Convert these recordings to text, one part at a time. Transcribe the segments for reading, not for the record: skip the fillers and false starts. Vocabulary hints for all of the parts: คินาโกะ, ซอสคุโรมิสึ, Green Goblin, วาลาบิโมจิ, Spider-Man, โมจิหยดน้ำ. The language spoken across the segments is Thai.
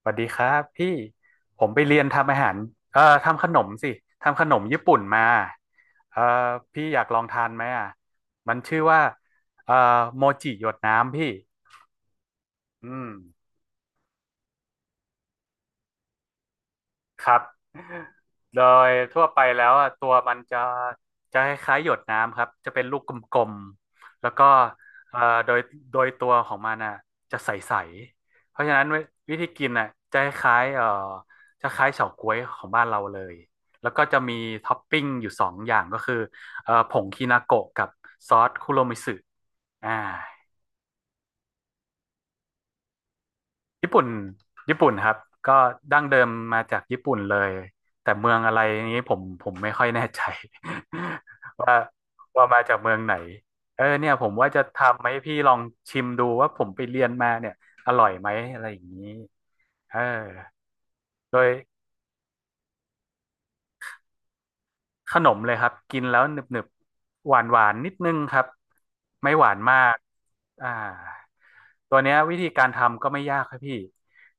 สวัสดีครับพี่ผมไปเรียนทำอาหารทำขนมสิทำขนมญี่ปุ่นมาเอ่อพี่อยากลองทานไหมอ่ะมันชื่อว่าเอ่อโมจิหยดน้ำพี่อืม ครับ โดยทั่วไปแล้วอะตัวมันจะคล้ายๆหยดน้ำครับจะเป็นลูกกลมๆแล้วก็เอ่อโดยโดยตัวของมันน่ะจะใสๆเพราะฉะนั้นวิธีกินอ่ะจะคล้ายๆจะคล้ายเฉาก๊วยของบ้านเราเลยแล้วก็จะมีท็อปปิ้งอยู่สองอย่างก็คือผงคินาโกะกับซอสคุโรมิสึอ่า ญี่ปุ่นญี่ปุ่นครับก็ดั้งเดิมมาจากญี่ปุ่นเลยแต่เมืองอะไรนี้ผมไม่ค่อยแน่ใจ ว่าว่ามาจากเมืองไหนเออเนี่ยผมว่าจะทำให้พี่ลองชิมดูว่าผมไปเรียนมาเนี่ยอร่อยไหมอะไรอย่างนี้เออโดย ขนมเลยครับกินแล้วหนึบๆหวานหวานนิดนึงครับไม่หวานมากอ่าตัวเนี้ยวิธีการทำก็ไม่ยากครับพี่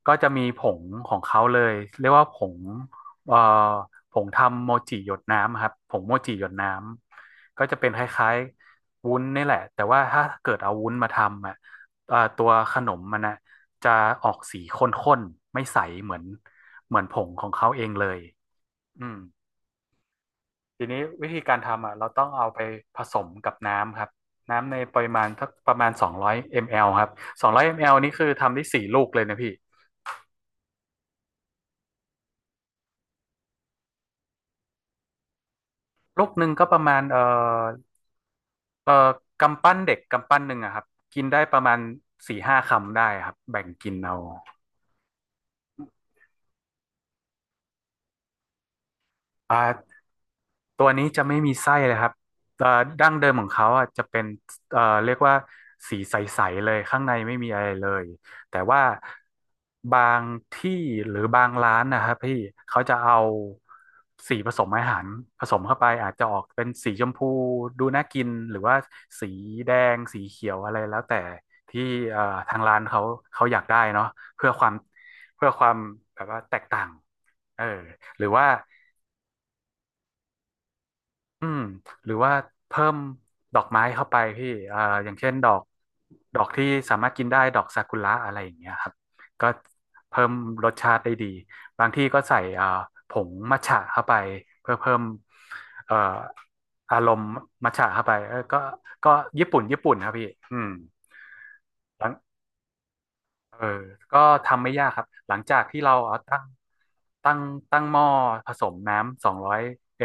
ก็จะมีผงของเขาเลยเรียกว่าผงเอ่อผงทำโมจิหยดน้ำครับผงโมจิหยดน้ำก็จะเป็นคล้ายๆวุ้นนี่แหละแต่ว่าถ้าเกิดเอาวุ้นมาทำอ่ะตัวขนมมันนะจะออกสีข้นๆไม่ใสเหมือนเหมือนผงของเขาเองเลยอืม ทีนี้วิธีการทำอ่ะเราต้องเอาไปผสมกับน้ำครับน้ำในปริมาณสักประมาณ200 ml ครับ200 ml นี่คือทำได้สี่ลูกเลยนะพี่ลูกหนึ่งก็ประมาณอเอ่อกำปั้นเด็กกำปั้นหนึ่งอะครับกินได้ประมาณสี่ห้าคำได้ครับแบ่งกินเอาอ่า ตัวนี้จะไม่มีไส้เลยครับเอ่อดั้งเดิมของเขาอ่ะจะเป็นเรียกว่าสีใสๆเลยข้างในไม่มีอะไรเลยแต่ว่าบางที่หรือบางร้านนะครับพี่เขาจะเอาสีผสมอาหารผสมเข้าไปอาจจะออกเป็นสีชมพูดูน่ากินหรือว่าสีแดงสีเขียวอะไรแล้วแต่ที่เอ่อทางร้านเขาอยากได้เนาะเพื่อความเพื่อความแบบว่าแตกต่างเออหรือว่า อืมหรือว่าเพิ่มดอกไม้เข้าไปพี่อย่างเช่นดอกที่สามารถกินได้ดอกซากุระอะไรอย่างเงี้ยครับก็เพิ่มรสชาติได้ดีบางที่ก็ใส่ผงมัทฉะเข้าไปเพื่อเพิ่มเอ่ออารมณ์มัทฉะเข้าไปเออก็ก็ญี่ปุ่นครับพี่อืม เออก็ทำไม่ยากครับ หลังจากที่เราเอาตั้งตั้งหม้อผสมน้ำสองร้อย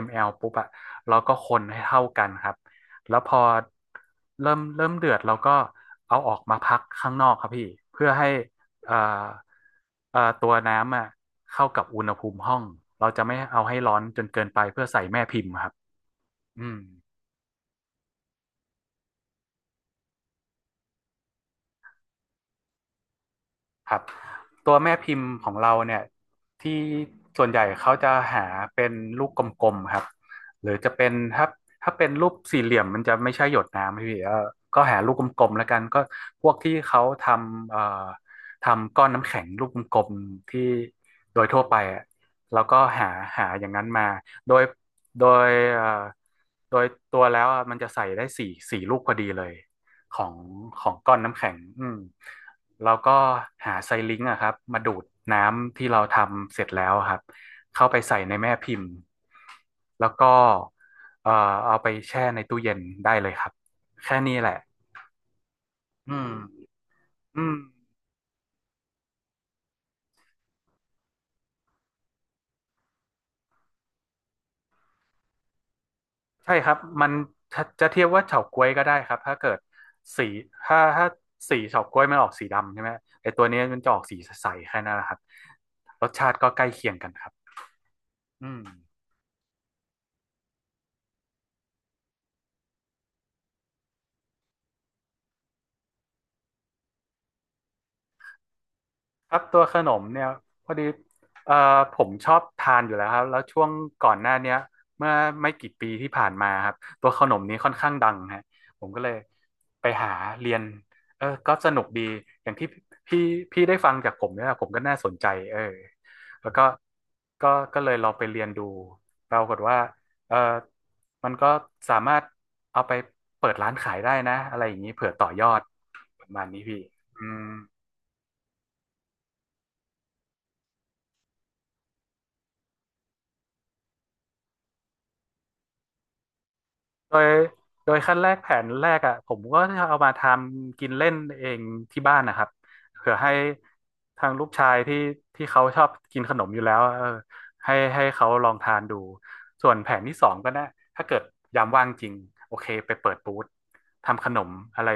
มลปุ๊บอะเราก็คนให้เท่ากันครับ แล้วพอเริ่มเดือดเราก็เอาออกมาพักข้างนอกครับพี่เพื่อให้เอ่อตัวน้ำอะเข้ากับอุณหภูมิห้องเราจะไม่เอาให้ร้อนจนเกินไปเพื่อใส่แม่พิมพ์ครับอืม ครับตัวแม่พิมพ์ของเราเนี่ยที่ส่วนใหญ่เขาจะหาเป็นลูกกลมๆครับหรือจะเป็นถ้าเป็นรูปสี่เหลี่ยมมันจะไม่ใช่หยดน้ำพี่เออก็หาลูกกลมๆแล้วกันก็พวกที่เขาทำทำก้อนน้ำแข็งลูกกลมๆที่โดยทั่วไปอะแล้วก็หาอย่างนั้นมาโดยโดยเอ่อโดยตัวแล้วอะมันจะใส่ได้สี่ลูกพอดีเลยของของก้อนน้ำแข็งอืม แล้วก็หาไซลิงก์อะครับมาดูดน้ำที่เราทำเสร็จแล้วครับเข้าไปใส่ในแม่พิมพ์แล้วก็เอ่อเอาไปแช่ในตู้เย็นได้เลยครับแค่นี้แหละอืมอืมใช่ครับมันจะเทียบว่าเฉาก๊วยก็ได้ครับถ้าเกิดสีถ้าสีเฉาก๊วยมันออกสีดำใช่ไหมไอตัวนี้มันจะออกสีใสๆแค่นั้นแหละครับรสชาติก็ใกล้เคียงกันครับอืม ครับตัวขนมเนี่ยพอดีเอ่อผมชอบทานอยู่แล้วครับแล้วช่วงก่อนหน้าเนี้ยเมื่อไม่กี่ปีที่ผ่านมาครับตัวขนมนี้ค่อนข้างดังฮะผมก็เลยไปหาเรียนเออก็สนุกดีอย่างที่พี่พี่ได้ฟังจากผมเนี่ยผมก็น่าสนใจเออแล้วก็ก็ก็เลยลองไปเรียนดูปรากฏว่าเออมันก็สามารถเอาไปเปิดร้านขายได้นะอะไรอย่างนี้เผื่อต่อยอดประมาณนี้พี่อืม โดยโดยขั้นแรกแผนแรกอ่ะผมก็จะเอามาทำกินเล่นเองที่บ้านนะครับเผื่อให้ทางลูกชายที่เขาชอบกินขนมอยู่แล้วให้เขาลองทานดูส่วนแผนที่สองก็นะถ้าเกิดยามว่างจริงโอเคไปเปิดบูธทำขนมอะไร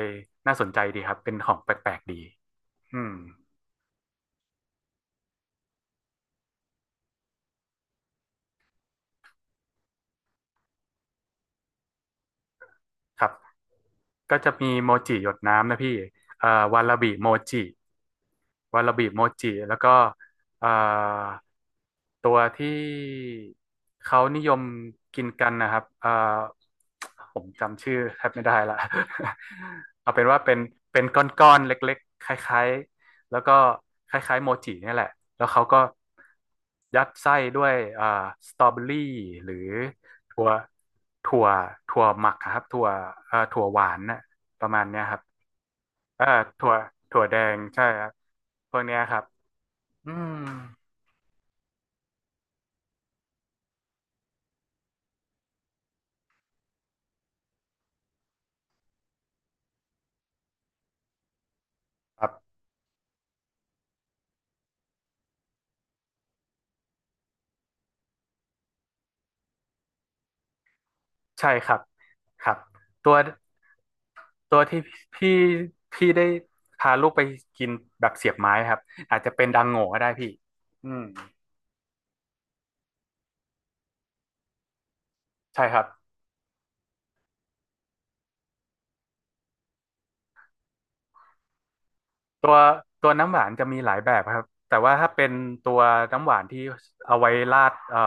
น่าสนใจดีครับเป็นของแปลกๆดีอืมครับก็จะมีโมจิหยดน้ำนะพี่เอ่อวาลาบิโมจิ วาลาบิโมจิแล้วก็เอ่อตัวที่เขานิยมกินกันนะครับผมจำชื่อแทบไม่ได้ละ เอาเป็นว่าเป็นก้อนๆเล็กๆคล้ายๆแล้วก็คล้ายๆโมจิเนี่ยแหละแล้วเขาก็ยัดไส้ด้วยสตรอเบอรี่หรือถั่วถั่วถั่วหมักอะครับถั่วถั่วหวานน่ะประมาณเนี้ยครับ อ่าถั่วถั่วแดงใช่ครับพวกเนี้ยครับอืมครับใช่ครับครับตัวตัวที่พี่พี่ได้พาลูกไปกินแบบเสียบไม้ครับอาจจะเป็นดังโง่ก็ได้พี่อืมใช่ครับตัวตัวน้ำหวานจะมีหลายแบบครับแต่ว่าถ้าเป็นตัวน้ำหวานที่เอาไว้ราด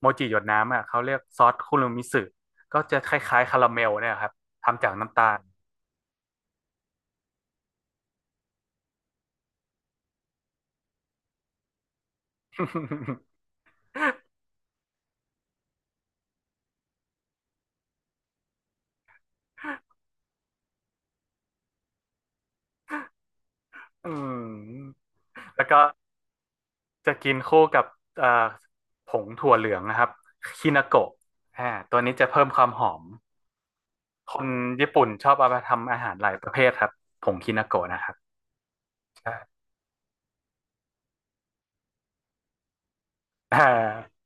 โมจิหยดน้ำอ่ะเขาเรียกซอสคุรุมิสึก็จะคล้ายๆคาราเมลเนี่ยครับทำจากน้ำตาล อืมแล้วก็จะกินคู่กับเอ่อผงถั่วเหลืองนะครับคินาโกะอ่าตัวนี้จะเพิ่มความหอมคนญี่ปุ่นชอบเอามาทำอาหารหลายประเภทครับผงคินาโกะนะครับใช่อ่า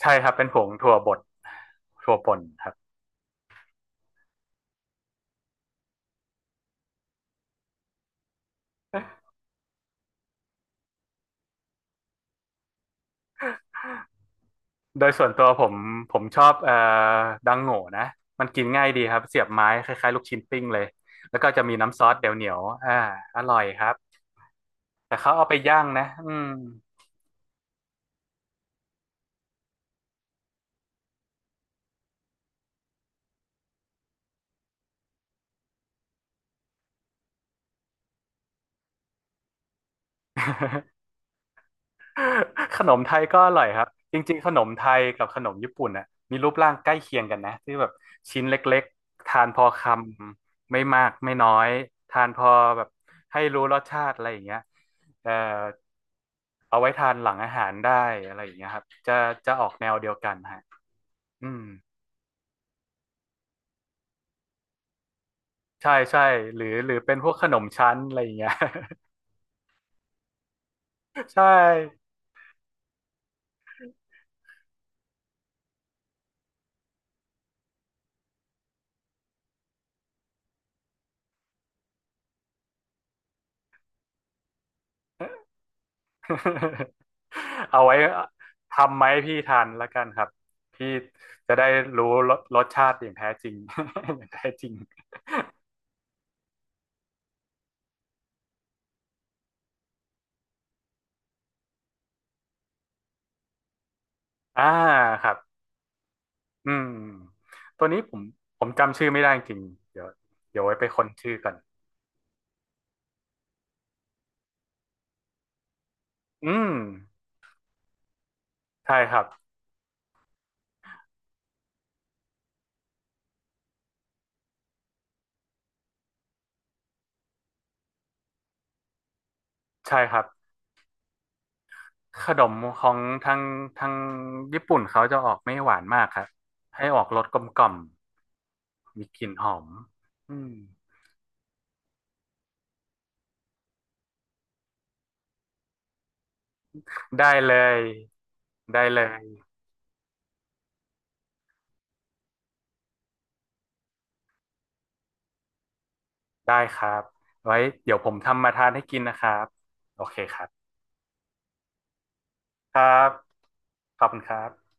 ใช่ครับเป็นผงถั่วบดถั่วป่นครับโดยส่วนตัวผมชอบดังโง่นะมันกินง่ายดีครับเสียบไม้คล้ายๆลูกชิ้นปิ้งเลยแล้วก็จะมีน้ำซอสเดี๋ยวเหนียวๆอ่าอร่อยครับแต่เขาเอาไปย่างนะอืม ขนมไทยก็อร่อยครับจริงๆขนมไทยกับขนมญี่ปุ่นน่ะมีรูปร่างใกล้เคียงกันนะที่แบบชิ้นเล็กๆทานพอคำไม่มากไม่น้อยทานพอแบบให้รู้รสชาติอะไรอย่างเงี้ยเอ่อเอาไว้ทานหลังอาหารได้อะไรอย่างเงี้ยครับจะออกแนวเดียวกันฮะอืมใช่ใช่หรือเป็นพวกขนมชั้นอะไรอย่างเงี้ย ใช่ เอาไว้ทำไหมพี่ทานละกันครับพี่จะได้รู้รสรสชาติอย่างแท้จริง อย่างแท้จริงอ่าครับอืมตัวนี้ผมจำชื่อไม่ได้จริงเดี๋ยวเดี๋ยวไว้ไปค้นชื่อกันอืมใช่ครับใช่ครับขนมของทางทางญี่ปุ่นเขาจะออกไม่หวานมากครับให้ออกรสกลมกล่อมมีกลิ่นหอมอืมได้เลยได้เลย ได้ครับไว้เดี๋ยวผมทำมาทานให้กินนะครับโอเคครับครับขอบคุณครับ